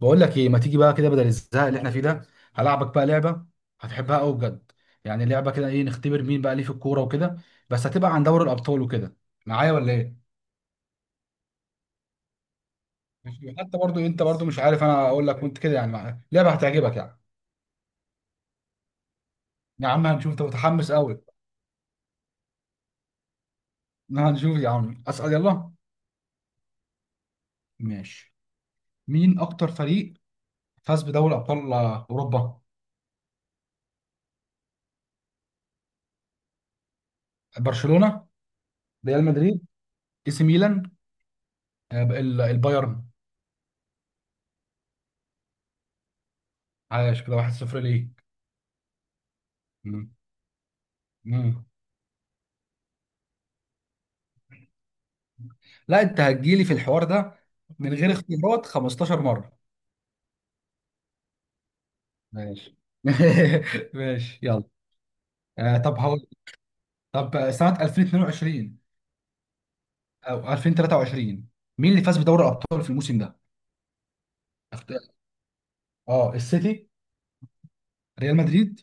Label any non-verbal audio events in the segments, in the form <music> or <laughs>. بقول لك ايه، ما تيجي بقى كده بدل الزهق اللي احنا فيه ده؟ هلعبك بقى لعبه، هتحبها قوي بجد. يعني لعبه كده، ايه؟ نختبر مين بقى ليه في الكوره وكده. بس هتبقى عن دوري الابطال وكده. معايا ولا ايه؟ ماشي. حتى برضو انت برضو مش عارف، انا اقول لك وانت كده، يعني معايا لعبه هتعجبك يعني. يا عم هنشوف، انت متحمس قوي. هنشوف يا عم، اسال يلا. ماشي. مين اكتر فريق فاز بدوري ابطال اوروبا؟ برشلونه، ريال مدريد، اي سي ميلان، البايرن عاش كده، 1-0 ليك. مم. مم. لا انت هتجيلي في الحوار ده من غير اختيارات، 15 مرة. ماشي. <laughs> ماشي يلا. طب هقول. طب سنة 2022 او 2023، مين اللي فاز بدوري الابطال في الموسم ده؟ اخت- اه السيتي، ريال مدريد،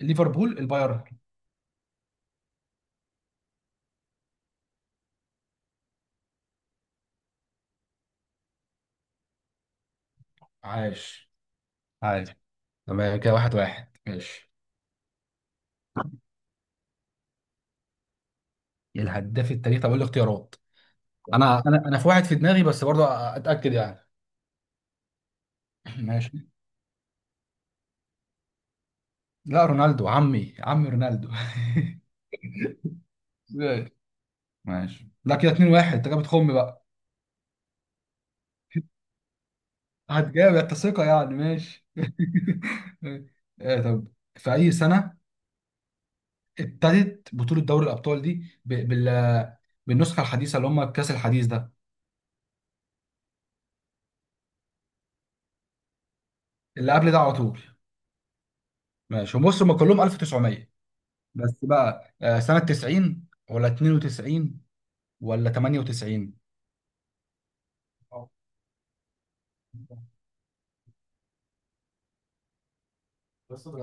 ليفربول، البايرن. عاش. عاش. تمام، كده واحد واحد، ماشي. إيه الهداف التاريخي؟ طب اقول الاختيارات. انا في واحد في دماغي، بس برضه اتاكد يعني. <laughs> ماشي. لا رونالدو، عمي عمي رونالدو. <laughs> ماشي. لا كده 2 1، انت كده بتخم بقى. هتجاوب انت؟ ثقة يعني، ماشي. <laughs> إيه؟ طب، في أي سنة ابتدت بطولة دوري الأبطال دي؟ ب... بال... بالنسخة الحديثة اللي هم الكأس الحديث ده. اللي قبل ده على طول. ماشي، وبص هم كلهم 1900، بس بقى سنة 90 ولا 92 ولا 98؟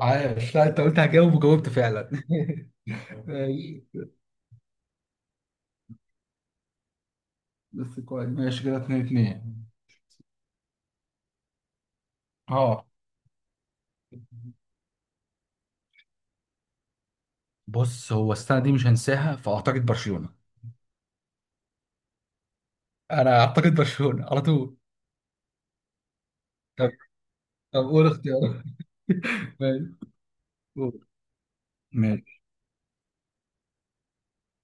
عايش، لا انت قلت هجاوب وجاوبت فعلا. <laughs> ماشي. بس كويس، ماشي كده 2 2. اه بص، هو السنه دي مش هنساها، فاعتقد برشلونه. انا اعتقد برشلونه على طول. طب. طب قول اختيارات. <laughs> ماشي. قول. ماشي.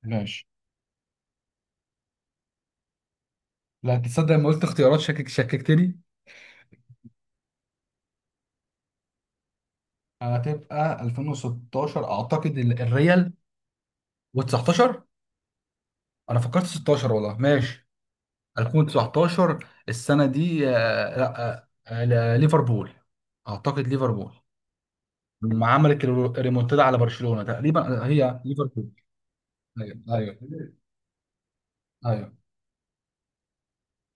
ماشي. لا تصدق، لما قلت اختيارات شككتني. هتبقى 2016 اعتقد الريال و19. انا فكرت 16 والله، ماشي. 2019 السنه دي آه، لا آه، آه، لا، ليفربول. اعتقد ليفربول لما عملت الريمونتادا على برشلونه، تقريبا هي ليفربول. ايوه ايوه. ايوه.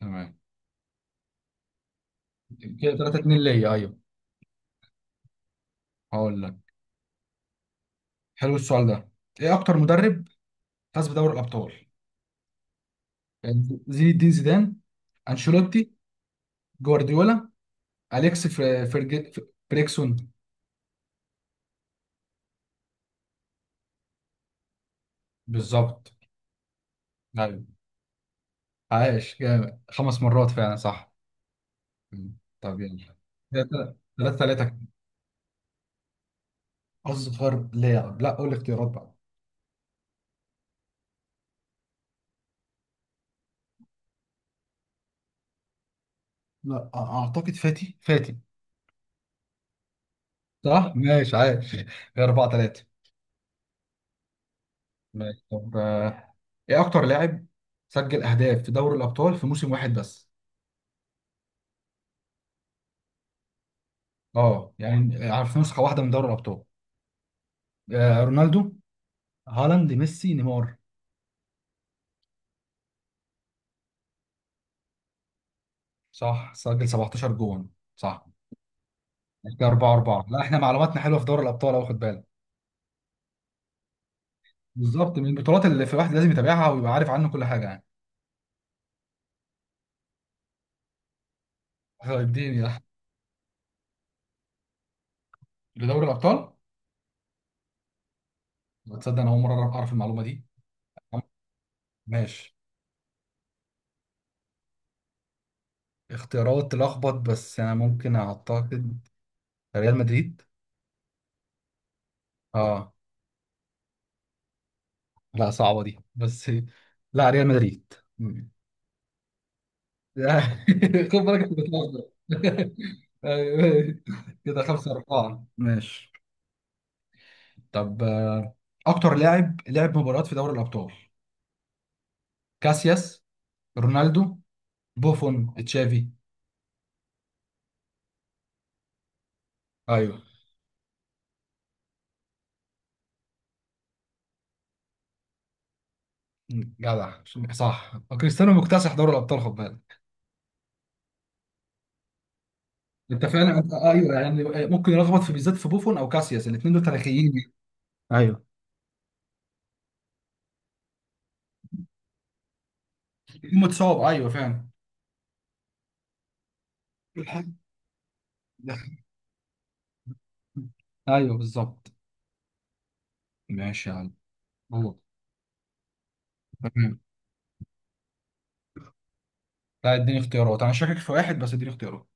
تمام، كده 3 2 ليا، ايوه. هقول لك. حلو السؤال ده. ايه اكتر مدرب فاز بدوري الابطال؟ يعني زين الدين زيدان، انشيلوتي، جوارديولا، اليكس فريكسون. بالظبط. ايوه. عايش جامد، خمس مرات فعلا صح. مم. طب يلا. ثلاثة ثلاثة ثلاثة. أصغر لاعب؟ لا قول الاختيارات بقى. لا، أعتقد فاتي فاتي. صح ماشي عايش. <laughs> 4 3. ماشي. طب ايه اكتر لاعب سجل اهداف في دوري الابطال في موسم واحد بس؟ اه يعني في نسخه واحده من دوري الابطال. رونالدو، هالاند، ميسي، نيمار. صح، سجل 17 جون. صح. كده 4 4، لا احنا معلوماتنا حلوه في دوري الابطال، اهو خد بالك. بالظبط، من البطولات اللي في واحد لازم يتابعها ويبقى عارف عنه كل حاجه يعني. طيب اديني ده. لدوري الابطال. تصدق انا اول مره اعرف المعلومه دي. ماشي. اختيارات تلخبط، بس انا ممكن اعتقد ريال مدريد. اه. لا صعبة دي بس. لا، ريال مدريد. لا، <laughs> خد بالك أنت بتلخبط. <laughs> أيوه. كده خمسة أربعة، ماشي. طب أكتر لاعب لعب مباريات في دوري الأبطال؟ كاسياس، رونالدو، بوفون، تشافي. أيوه. جدع. صح، كريستيانو مكتسح دوري الأبطال، خد بالك. أنت فعلا أنت أيوه، يعني ممكن يلخبط في، بالذات في بوفون أو كاسياس، الاثنين دول تاريخيين. ايوه. الاثنين متصاب، أيوه فعلا. <laughs> الحق. ايوه بالظبط. ماشي يا عم. هو. تمام. لا اديني اختيارات، انا شاكك في واحد، بس اديني اختيارات.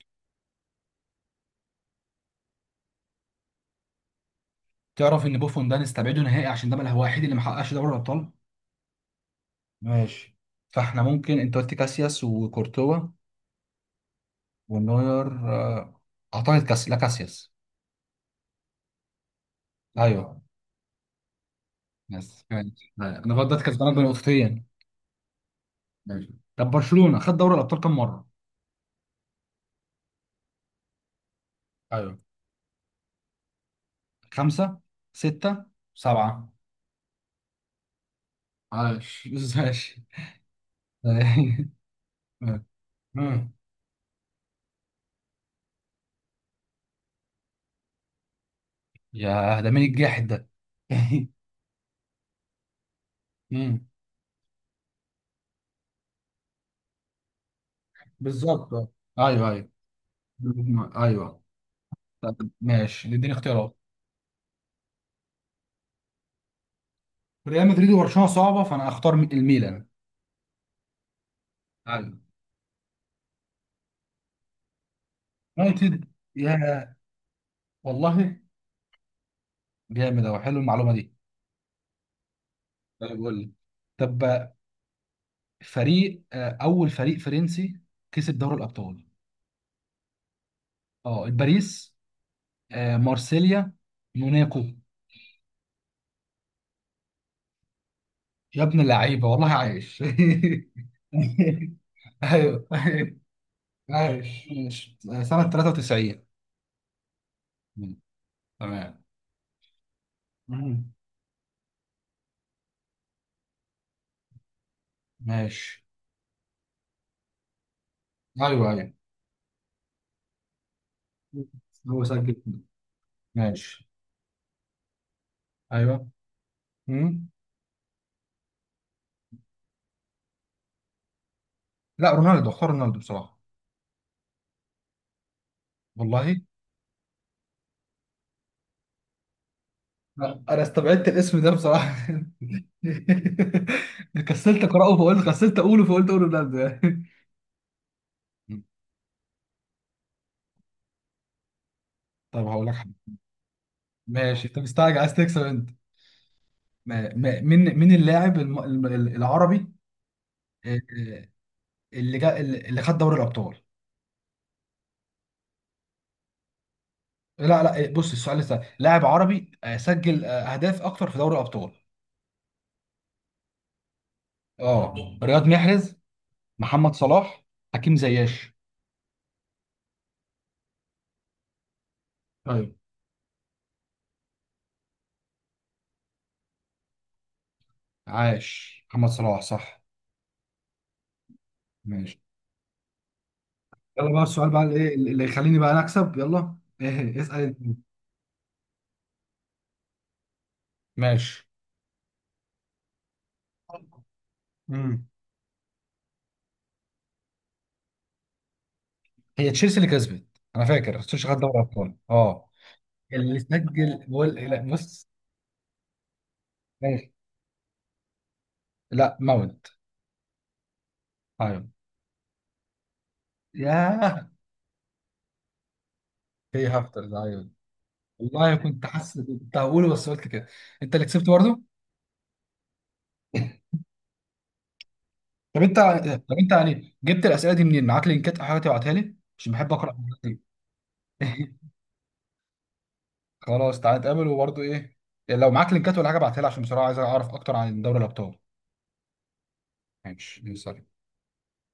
تعرف ان بوفون ده نستبعده نهائي، عشان ده بقى هو الوحيد اللي ما حققش دوري الابطال. ماشي. فاحنا ممكن، انت قلت كاسياس وكورتوا ونوير، اعتقد لا كاسياس. ايوه. بس ماشي. لا، انا فضلت كسبانك بنقطتين. ماشي. طب برشلونة خد دوري الابطال كم مرة؟ ايوه. خمسة، ستة، سبعة. عاش. <laughs> ماشي. <laughs> يا ده مين الجاحد ده؟ <laughs> مم. بالظبط آه. ايوه ايوه. بالظبط. ايوه. طب ماشي اديني اختيارات. ريال مدريد وبرشلونه صعبه، فانا اختار الميلان. ايوه يونايتد، يا. والله. جامد اهو، حلو المعلومه دي. طيب قول لي. طب. فريق اول فريق فرنسي كسب دوري الابطال. اه باريس، مارسيليا، موناكو. يا ابن اللعيبه والله، عايش. <laughs> ايوه. عايش ماشي. سنه 93. تمام. مم. ماشي ايوه ايوه. هو سجل. ماشي. ايوه. مم. لا رونالدو، اختار رونالدو بصراحه. والله. لا، انا استبعدت الاسم ده بصراحه. <laughs> كسلت اقراه فقلت، كسلت اقوله فقلت اقول رونالدو يعني. مم. طب هقول لك حاجه. ماشي انت مستعجل عايز تكسب انت. مين اللاعب العربي آه، آه، اللي خد دوري الابطال. لا لا بص السؤال لسه، لاعب عربي سجل اهداف اكتر في دوري الابطال. اه. رياض محرز، محمد صلاح، حكيم زياش. ايوه. عاش محمد صلاح صح. ماشي يلا بقى السؤال بقى الايه اللي يخليني بقى انا اكسب، يلا ايه اسال انت. ماشي. امم هي تشيلسي اللي كسبت. انا فاكر تشيلسي خد دوري ابطال، اه. اللي سجل جول؟ لا بص. ماشي. لا ماونت. ايوه. ياه. هي هافترز، ايوه. والله كنت حاسس كنت هقوله، بس قلت كده. انت اللي كسبت برضه. <laughs> طب انت. طب انت يعني جبت الاسئله دي منين؟ معاك لينكات او حاجه تبعتها لي عشان بحب اقرا. خلاص تعالى نتقابل، وبرضه ايه، لو معاك لينكات ولا حاجه ابعتها لي عشان بصراحه عايز اعرف اكتر عن دوري الابطال. ماشي سلام.